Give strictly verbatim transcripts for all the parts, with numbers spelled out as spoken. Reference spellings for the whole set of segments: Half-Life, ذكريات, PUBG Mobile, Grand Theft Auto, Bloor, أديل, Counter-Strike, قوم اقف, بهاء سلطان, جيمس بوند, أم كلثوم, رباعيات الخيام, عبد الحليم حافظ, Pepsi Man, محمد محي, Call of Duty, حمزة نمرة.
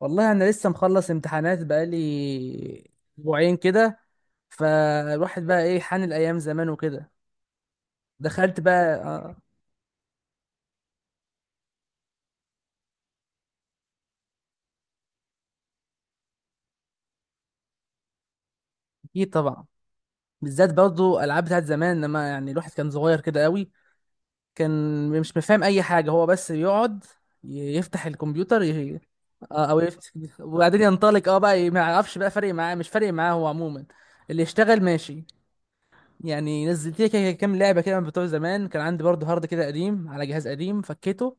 والله انا لسه مخلص امتحانات بقالي اسبوعين كده. فالواحد بقى ايه حان الايام زمان وكده. دخلت بقى آه، اكيد طبعا. بالذات برضه العاب بتاعت زمان لما يعني الواحد كان صغير كده قوي. كان مش مفهم اي حاجه، هو بس يقعد ي- يفتح الكمبيوتر ي... آه، او يفتح وبعدين ينطلق، اه بقى ي- ما يعرفش بقى فارق معاه مش فارق معاه، هو عموما اللي يشتغل ماشي. يعني نزلت لي كده كام لعبه كده من بتوع زمان، كان عندي برضه هارد كده قديم على جهاز قديم فكيته.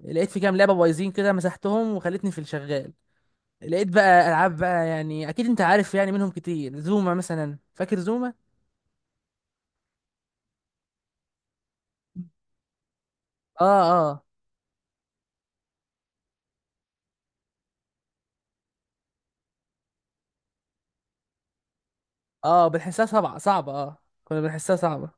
لقيت في كام لعبه بايظين كده مسحتهم وخلتني في الشغال. لقيت بقى العاب بقى، يعني اكيد انت عارف، يعني منهم كتير، زوما مثلا، فاكر زوما؟ اه اه اه بنحسها صعبه صعبه، اه. كنا بنحسها صعبه.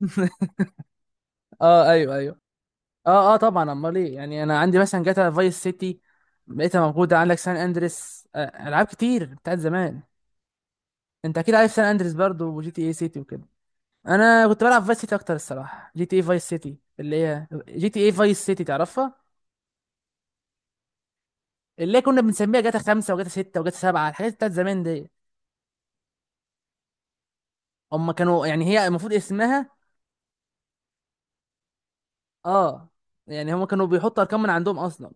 اه ايوه ايوه. اه اه طبعا، امال ايه؟ يعني انا عندي مثلا جاتا فايس سيتي، لقيتها موجوده، عندك سان اندريس، آه العاب كتير بتاعت زمان. انت اكيد عارف سان اندريس برضو وجي تي اي سيتي وكده. انا كنت بلعب فايس سيتي اكتر الصراحه، جي تي اي فايس سيتي، اللي هي جي تي اي فايس سيتي، تعرفها. اللي كنا بنسميها جاتا خمسة وجاتا ستة وجاتا سبعة، الحاجات بتاعت زمان دي. هم كانوا يعني، هي المفروض اسمها. اه، يعني هم كانوا بيحطوا ارقام من عندهم اصلا.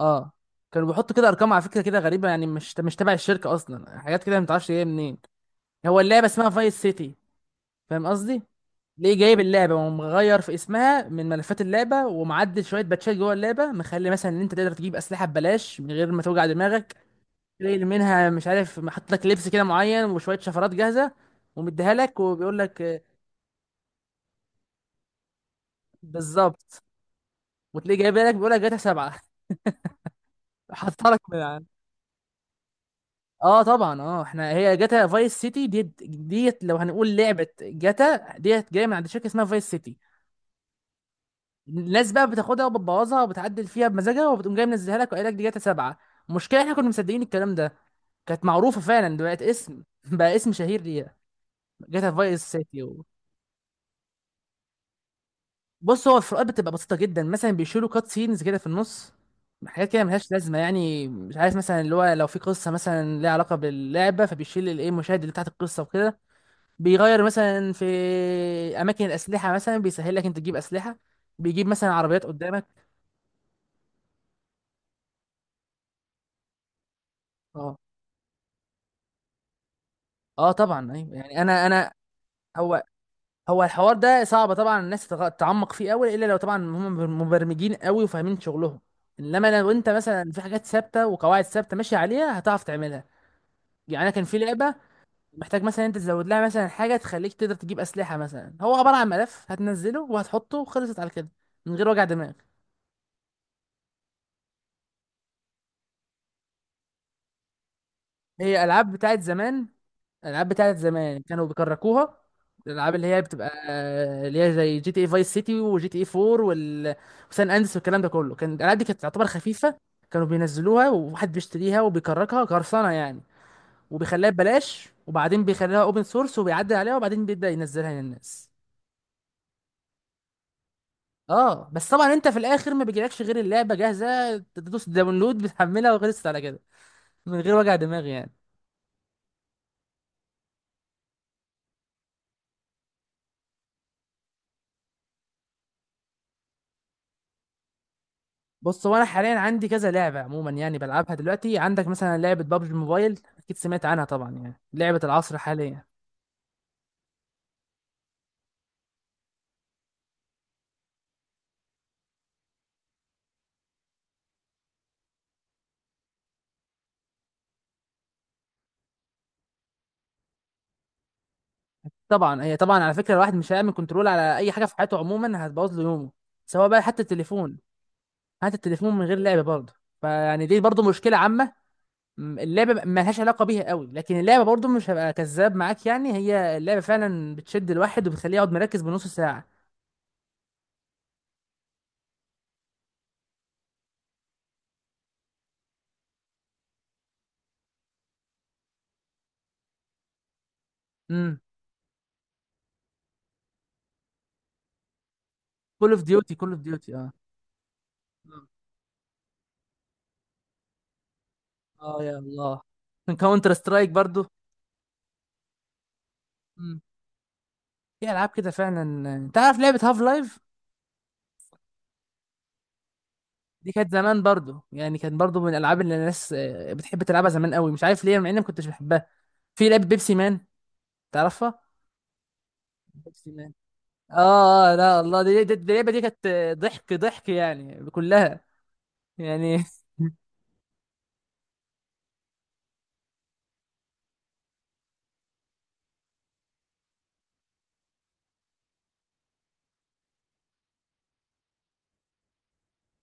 اه كانوا بيحطوا كده ارقام على فكرة كده غريبة، يعني مش مش تبع الشركة اصلا، حاجات كده ما تعرفش جايه منين. هو اللعبة اسمها فايس سيتي، فاهم قصدي؟ ليه جايب اللعبة ومغير في اسمها من ملفات اللعبة ومعدل شوية باتشات جوه اللعبة، مخلي مثلا ان انت تقدر تجيب اسلحة ببلاش من غير ما توجع دماغك. شايل منها مش عارف، محط لك لبس كده معين وشويه شفرات جاهزه ومديها لك وبيقول لك آه، بالظبط. وتلاقيه جايبها لك بيقول لك جاتا سبعه. حاطها لك من عن- اه طبعا، اه احنا هي جاتا فايس سيتي ديت ديت، لو هنقول لعبه جاتا، ديت جايه من عند شركه اسمها فايس سيتي. الناس بقى بتاخدها وبتبوظها وبتعدل فيها بمزاجها وبتقوم جايه منزلها لك وقايل لك دي جاتا سبعه. المشكله احنا كنا مصدقين الكلام ده. كانت معروفه فعلا دلوقتي، اسم بقى اسم شهير ليها، جاتا فايس سيتي. بص، هو الفروقات بتبقى بسيطة جدا، مثلا بيشيلوا كات سينز كده في النص، حاجات كده ملهاش لازمة. يعني مش عارف، مثلا اللي هو لو في قصة مثلا ليها علاقة باللعبة فبيشيل الايه، المشاهد اللي تحت القصة وكده. بيغير مثلا في أماكن الأسلحة، مثلا بيسهل لك أنت تجيب أسلحة، بيجيب مثلا عربيات قدامك. اه اه طبعا ايوه، يعني أنا أنا. هو هو الحوار ده صعب طبعا، الناس تغ- تتعمق فيه قوي، إلا لو طبعا هم مبر- مبرمجين قوي وفاهمين شغلهم. انما لو انت مثلا في حاجات ثابته وقواعد ثابته ماشي عليها هتعرف تعملها. يعني انا كان في لعبه محتاج مثلا انت تزود لها مثلا حاجه تخليك تقدر تجيب اسلحه، مثلا هو عباره عن ملف هتنزله وهتحطه وخلصت على كده، من غير وجع دماغ. هي العاب بتاعت زمان، العاب بتاعت زمان كانوا بيكركوها. الالعاب اللي هي بتبقى، اللي هي زي جي تي اي فايس سيتي وجي تي اي فور وال... وسان اندرس والكلام ده كله، كان الالعاب دي كانت تعتبر خفيفه. كانوا بينزلوها وواحد بيشتريها وبيكركها، قرصنه يعني، وبيخليها ببلاش، وبعدين بيخليها اوبن سورس وبيعدل عليها وبعدين بيبدأ ينزلها للناس. اه بس طبعا انت في الاخر ما بيجيلكش غير اللعبه جاهزه، تدوس داونلود بتحملها وخلصت على كده، من غير وجع دماغ يعني. بص، هو انا حاليا عندي كذا لعبه عموما يعني بلعبها دلوقتي، عندك مثلا لعبه بابجي موبايل، اكيد سمعت عنها طبعا، يعني لعبه العصر حاليا. طبعا، هي طبعا على فكره الواحد مش هيعمل كنترول على اي حاجه في حياته عموما هتبوظ له يومه، سواء بقى حتى التليفون، حتى التليفون من غير لعبه برضه. فيعني دي برضه مشكله عامه، م- اللعبه ما لهاش علاقه بيها قوي، لكن اللعبه برضو مش هبقى كذاب معاك، يعني هي اللعبه فعلا بتشد الواحد وبتخليه يقعد مركز بنص ساعه. امم كول اوف ديوتي كول اوف ديوتي، اه. مم. اه يا الله. من كاونتر سترايك برضو. امم في العاب كده فعلا، تعرف لعبه هاف لايف؟ دي كانت زمان برضو، يعني كانت برضو من الالعاب اللي الناس آه، بتحب تلعبها زمان قوي، مش عارف ليه، مع اني ما كنتش بحبها. في لعبه بيبسي مان، تعرفها؟ بيبسي مان. اه آه، لا الله، دي دي- دي اللعبه دي كانت آه، ضحك ضحك يعني كلها، يعني.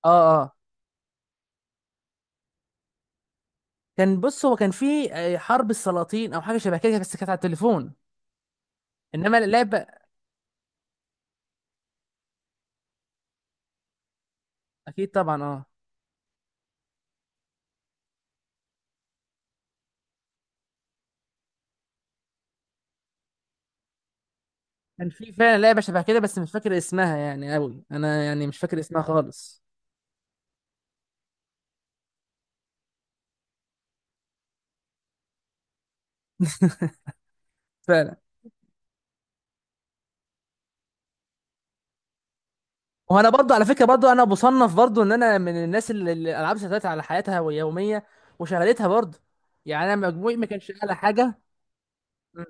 اه اه كان بص، هو كان في آه، حرب السلاطين او حاجه شبه كده، بس كانت على التليفون، انما اللعبه. اكيد طبعا، اه. كان في فعلا لعبه شبه كده بس مش فاكر اسمها يعني قوي، انا يعني مش فاكر اسمها خالص. فعلا. وانا برضو على فكره، برضو انا بصنف برضو ان انا من الناس اللي اللي الالعاب سيطرت على حياتها ويوميه وشغلتها برضو. يعني انا مجموعي ما كانش اعلى حاجه. مم.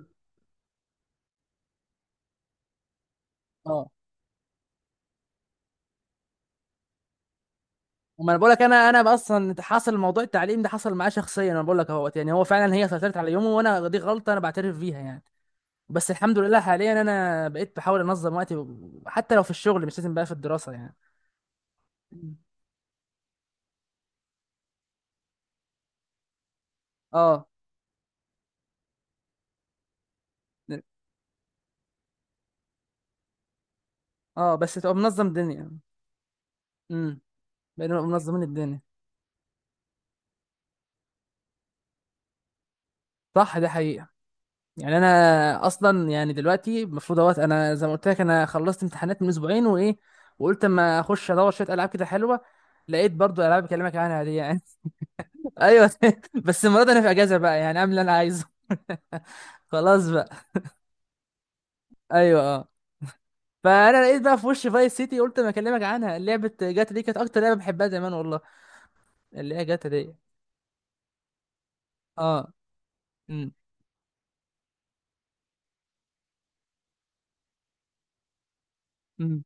اه. وما انا بقول لك، انا انا اصلا حصل موضوع التعليم ده، حصل معايا شخصيا، انا بقول لك اهوت، يعني هو فعلا هي سيطرت على يومه، وانا دي غلطه انا بعترف بيها يعني. بس الحمد لله حاليا انا بقيت بحاول انظم وقتي، حتى لو في الشغل مش لازم بقى، في الدراسه يعني. مم. اه اه بس تبقى منظم دنيا. امم بقينا نبقى منظمين الدنيا. صح، ده حقيقه. يعني انا اصلا يعني دلوقتي المفروض اهوت، انا زي ما قلت لك انا خلصت امتحانات من اسبوعين وايه، وقلت اما اخش ادور شويه العاب كده حلوه، لقيت برضو العاب بكلمك عنها دي يعني. ايوه. بس المره دي انا في اجازه بقى، يعني اعمل اللي انا عايزه. خلاص بقى. ايوه آه. فانا لقيت بقى في وش فايس سيتي، قلت ما اكلمك عنها، لعبه جاتا دي كانت اكتر لعبه بحبها زمان والله، اللي هي جاتا دي. اه. امم. امم.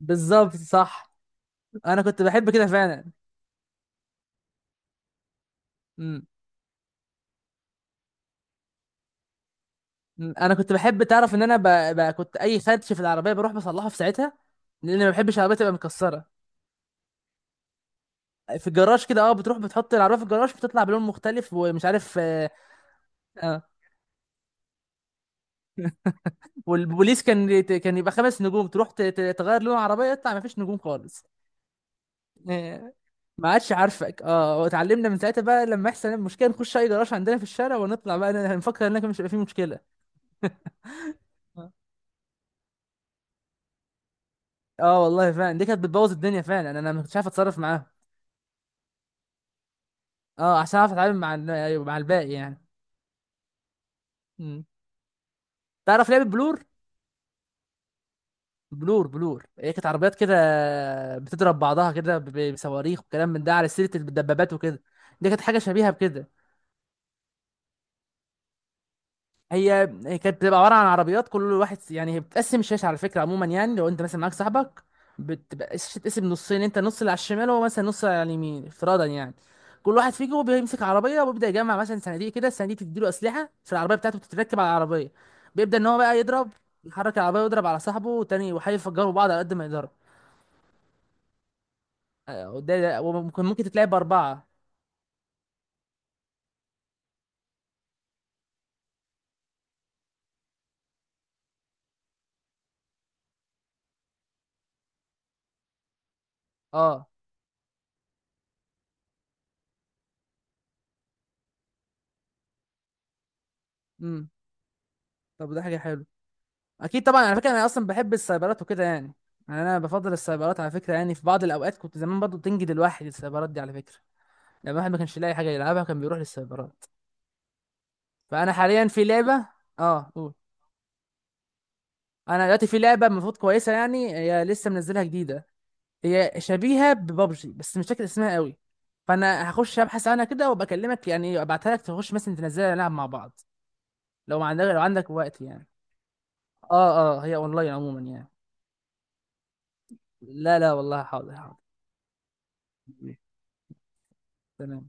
بالظبط، صح. انا كنت بحب كده فعلا. امم. أمم. انا كنت بحب، تعرف ان انا ب... ب... كنت اي خدش في العربيه بروح بصلحه في ساعتها، لان ما بحبش العربيه تبقى مكسره. في الجراج كده، اه بتروح بتحط العربيه في الجراج بتطلع بلون مختلف ومش عارف، اه. آه. والبوليس كان كان يبقى خمس نجوم، تروح ت- ت- تغير لون العربيه يطلع ما فيش نجوم خالص. آه. ما عادش عارفك، اه، واتعلمنا من ساعتها بقى لما يحصل المشكله نخش اي جراج عندنا في الشارع ونطلع بقى نفكر انك مش هيبقى فيه مشكله. اه آه، والله فعلا دي كانت بتبوظ الدنيا فعلا، انا أنا ما كنتش عارف اتصرف معاها. اه عشان اعرف اتعامل مع ال- أيوة، مع الباقي يعني. مم. تعرف لعبه بلور؟ بلور بلور، هي كانت عربيات كده بتضرب بعضها كده ب- بصواريخ وكلام من ده، على سيره الدبابات وكده، دي كانت حاجه شبيهه بكده. هي هي كانت بتبقى عباره عن عربيات، كل واحد س- يعني هي بتقسم الشاشه على فكره عموما، يعني لو انت مثلا معاك صاحبك بتبقى الشاشه بتتقسم نصين، انت النص اللي على الشمال وهو مثلا النص اللي على اليمين افتراضا يعني. كل واحد فيكم بيمسك عربيه وبيبدا يجمع مثلا صناديق كده، الصناديق تديله اسلحه في العربيه بتاعته بتتركب على العربيه، بيبدا ان هو بقى يضرب، يحرك العربيه ويضرب على صاحبه والتاني وحي يفجروا بعض على قد ما يقدروا. آه، وده ده- وممكن ممكن تتلعب باربعه. اه. امم. طب ده حاجه حلوه. اكيد طبعا على فكره، انا اصلا بحب السايبرات وكده يعني. يعني انا بفضل السايبرات على فكره، يعني في بعض الاوقات كنت زمان برضو تنجد الواحد السايبرات دي على فكره، لما الواحد ما كانش يلاقي حاجه يلعبها كان بيروح للسايبرات. فانا حاليا في لعبه. اه قول. انا دلوقتي في لعبه المفروض كويسه، يعني هي لسه منزلها جديده، هي شبيهه ببابجي بس مش فاكر اسمها قوي. فانا هخش ابحث عنها كده وبكلمك، يعني ابعتها لك تخش مثلا تنزلها نلعب مع بعض، لو ما عندك لو عندك وقت يعني. اه اه، هي اونلاين عموما يعني. لا لا والله، حاضر حاضر. تمام.